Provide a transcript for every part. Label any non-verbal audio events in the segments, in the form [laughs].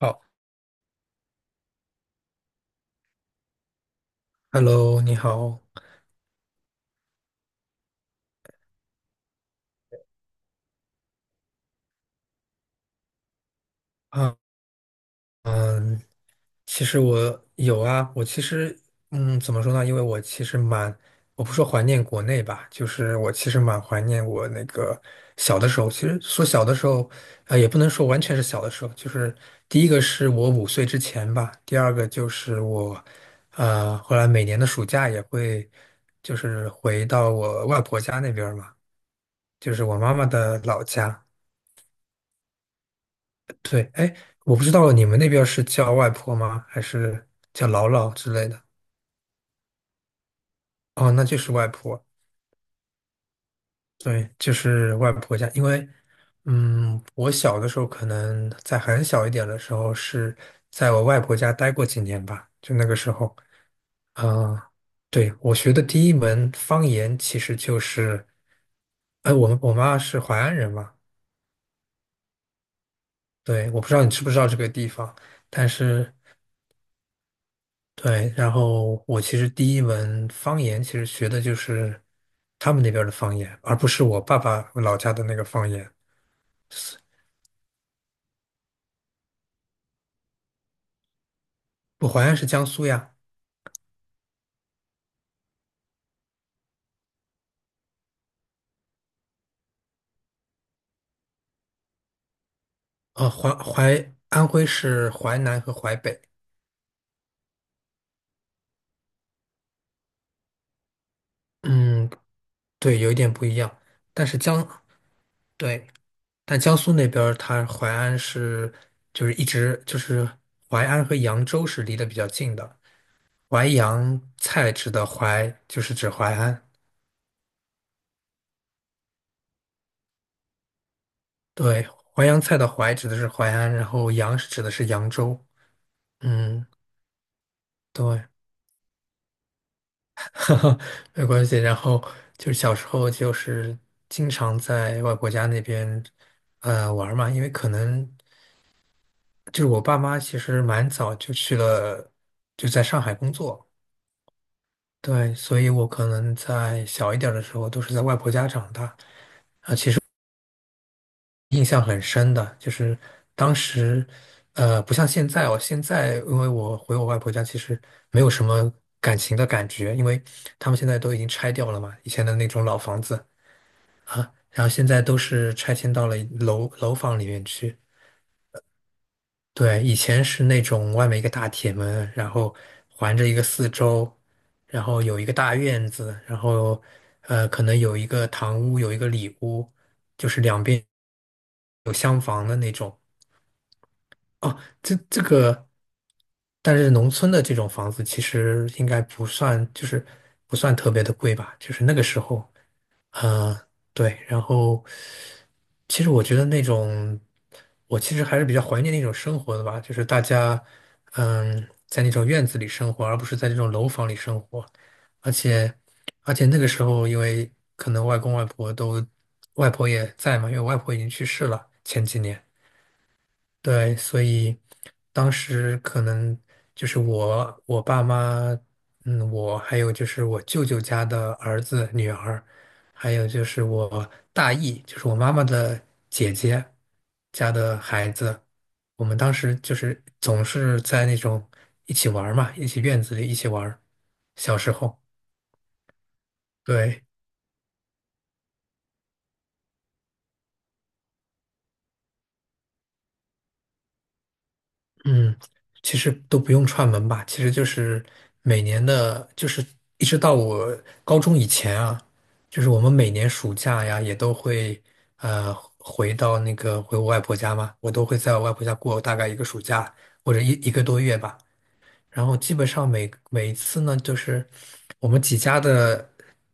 好，Hello，你好啊，嗯，其实我有啊，我其实，怎么说呢？因为我其实蛮，我不说怀念国内吧，就是我其实蛮怀念我那个小的时候。其实说小的时候，也不能说完全是小的时候，就是第一个是我5岁之前吧，第二个就是后来每年的暑假也会，就是回到我外婆家那边儿嘛，就是我妈妈的老家。对，哎，我不知道你们那边儿是叫外婆吗？还是叫姥姥之类的？哦，那就是外婆。对，就是外婆家。因为，我小的时候可能在很小一点的时候是在我外婆家待过几年吧，就那个时候，嗯、对，我学的第一门方言其实就是，哎，我妈是淮安人嘛，对，我不知道你知不知道这个地方，但是。对，然后我其实第一门方言其实学的就是他们那边儿的方言，而不是我爸爸老家的那个方言。我淮安是江苏呀，淮安徽是淮南和淮北，嗯，对，有一点不一样。但是江，对，但江苏那边儿它淮安是就是一直就是淮安和扬州是离得比较近的，淮扬菜指的淮就是指淮安，对，淮扬菜的淮指的是淮安，然后扬是指的是扬州。嗯，对，[laughs] 哈哈，没关系。然后就是小时候就是经常在外婆家那边玩儿嘛，因为可能就是我爸妈其实蛮早就去了，就在上海工作。对，所以我可能在小一点儿的时候都是在外婆家长大。印象很深的，就是当时，不像现在哦，现在因为我回我外婆家，其实没有什么感情的感觉，因为他们现在都已经拆掉了嘛，以前的那种老房子，然后现在都是拆迁到了楼房里面去。对，以前是那种外面一个大铁门，然后环着一个四周，然后有一个大院子，然后可能有一个堂屋，有一个里屋，就是两边有厢房的那种。哦，这个，但是农村的这种房子其实应该不算，就是不算特别的贵吧，就是那个时候，嗯，对，然后其实我觉得那种，我其实还是比较怀念那种生活的吧，就是大家，嗯，在那种院子里生活，而不是在这种楼房里生活，而且而且那个时候，因为可能外公外婆都，外婆也在嘛，因为我外婆已经去世了前几年。对，所以当时可能就是我爸妈，嗯，我还有就是我舅舅家的儿子、女儿，还有就是我大姨，就是我妈妈的姐姐家的孩子，我们当时就是总是在那种一起玩儿嘛，一起院子里一起玩儿小时候，对。嗯，其实都不用串门吧，其实就是每年的，就是一直到我高中以前啊，就是我们每年暑假呀，也都会呃回到那个回我外婆家嘛，我都会在我外婆家过大概一个暑假或者一个多月吧。然后基本上每一次呢，就是我们几家的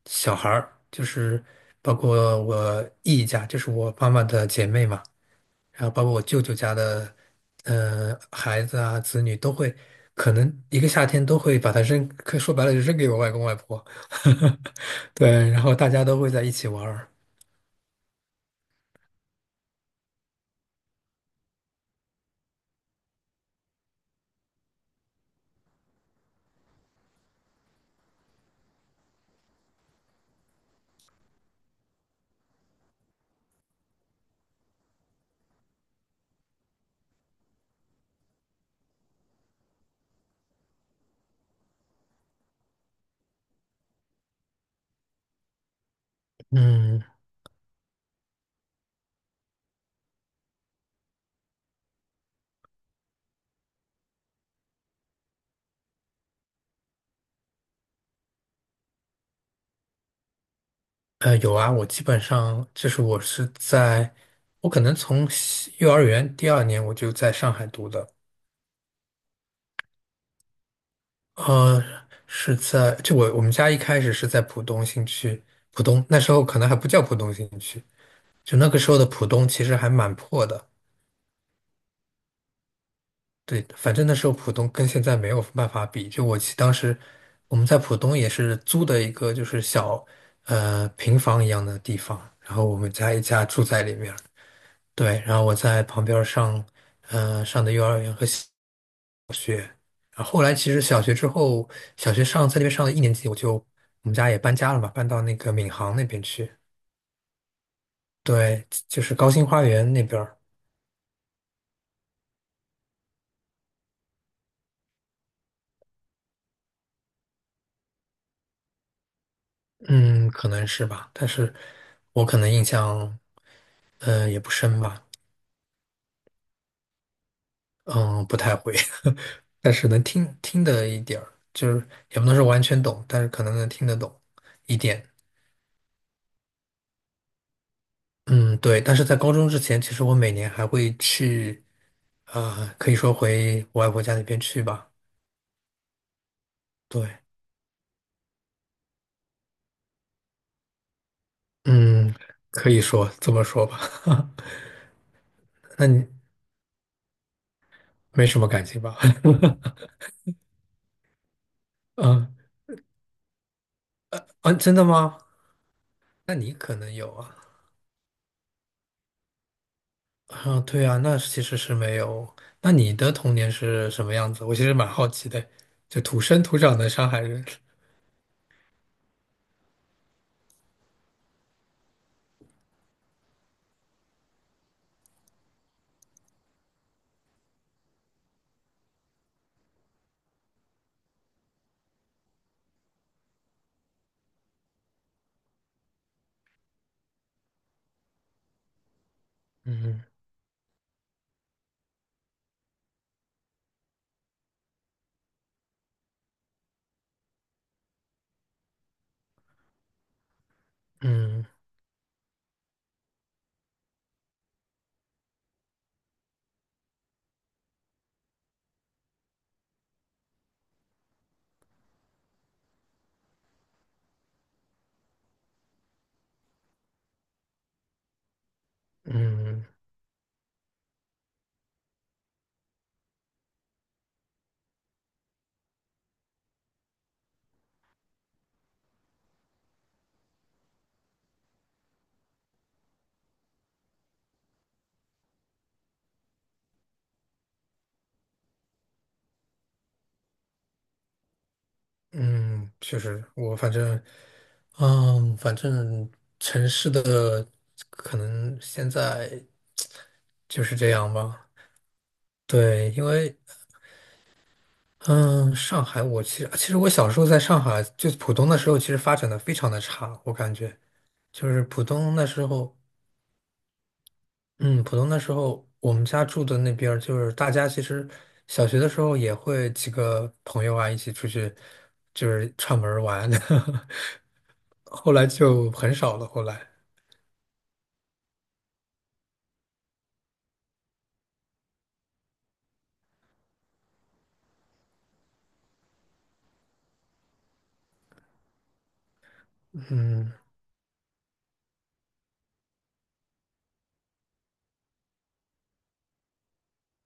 小孩儿，就是包括我姨家，就是我妈妈的姐妹嘛。然后包括我舅舅家的，孩子啊、子女都会，可能一个夏天都会把它扔，可以说白了就扔给我外公外婆。[laughs] 对，然后大家都会在一起玩儿。嗯，有啊，我基本上就是我是在，我可能从西幼儿园第二年我就在上海读的，呃，是在就我我们家一开始是在浦东新区，浦东那时候可能还不叫浦东新区，就那个时候的浦东其实还蛮破的。对，反正那时候浦东跟现在没有办法比。就我记当时我们在浦东也是租的一个就是小平房一样的地方，然后我们家一家住在里面。对，然后我在旁边儿上的幼儿园然后后来其实小学之后，小学上在那边上了一年级，我们家也搬家了嘛，搬到那个闵行那边去。对，就是高新花园那边儿嗯，可能是吧，但是我可能印象也不深吧。嗯，不太会，[laughs] 但是能听得一点儿，就是也不能说完全懂，但是可能能听得懂一点。嗯，对。但是在高中之前，其实我每年还会去，啊、可以说回我外婆家那边去吧。对，嗯，可以说这么说吧。[laughs] 那你没什么感情吧？[laughs] 嗯啊，真的吗？那你可能有啊。啊，对啊，那其实是没有。那你的童年是什么样子？我其实蛮好奇的，就土生土长的上海人。嗯嗯嗯嗯，确实，我反正城市的可能现在就是这样吧。对，因为嗯，上海我其实我小时候在上海，就浦东的时候，其实发展的非常的差，我感觉就是浦东那时候。嗯，浦东的时候，我们家住的那边儿就是大家其实小学的时候也会几个朋友啊一起出去，就是串门儿玩，[laughs] 后来就很少了。后来，嗯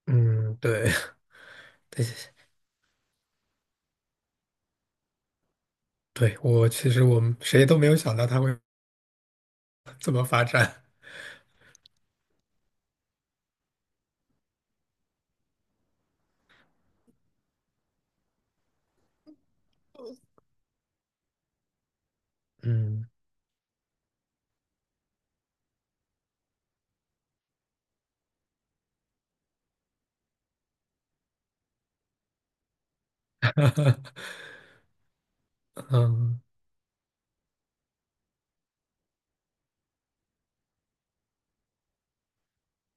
嗯，对 [laughs] 对，我其实我们谁都没有想到它会 [laughs] 这么发展。嗯 [laughs] 嗯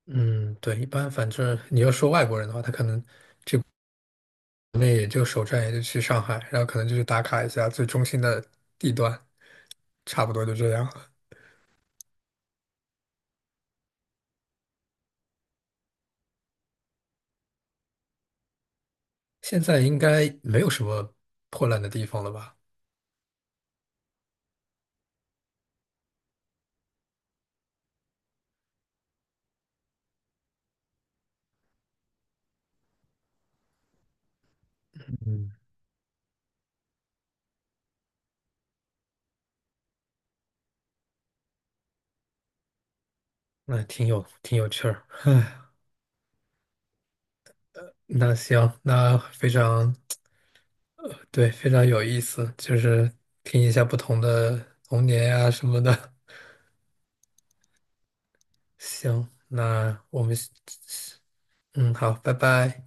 嗯，对，一般反正你要说外国人的话，他可能那也就首站也就去上海，然后可能就去打卡一下最中心的地段，差不多就这样。现在应该没有什么破烂的地方了吧？嗯，那挺有趣儿。那行，那非常，对，非常有意思，就是听一下不同的童年呀、什么的。[laughs] 行，那我们，嗯，好，拜拜。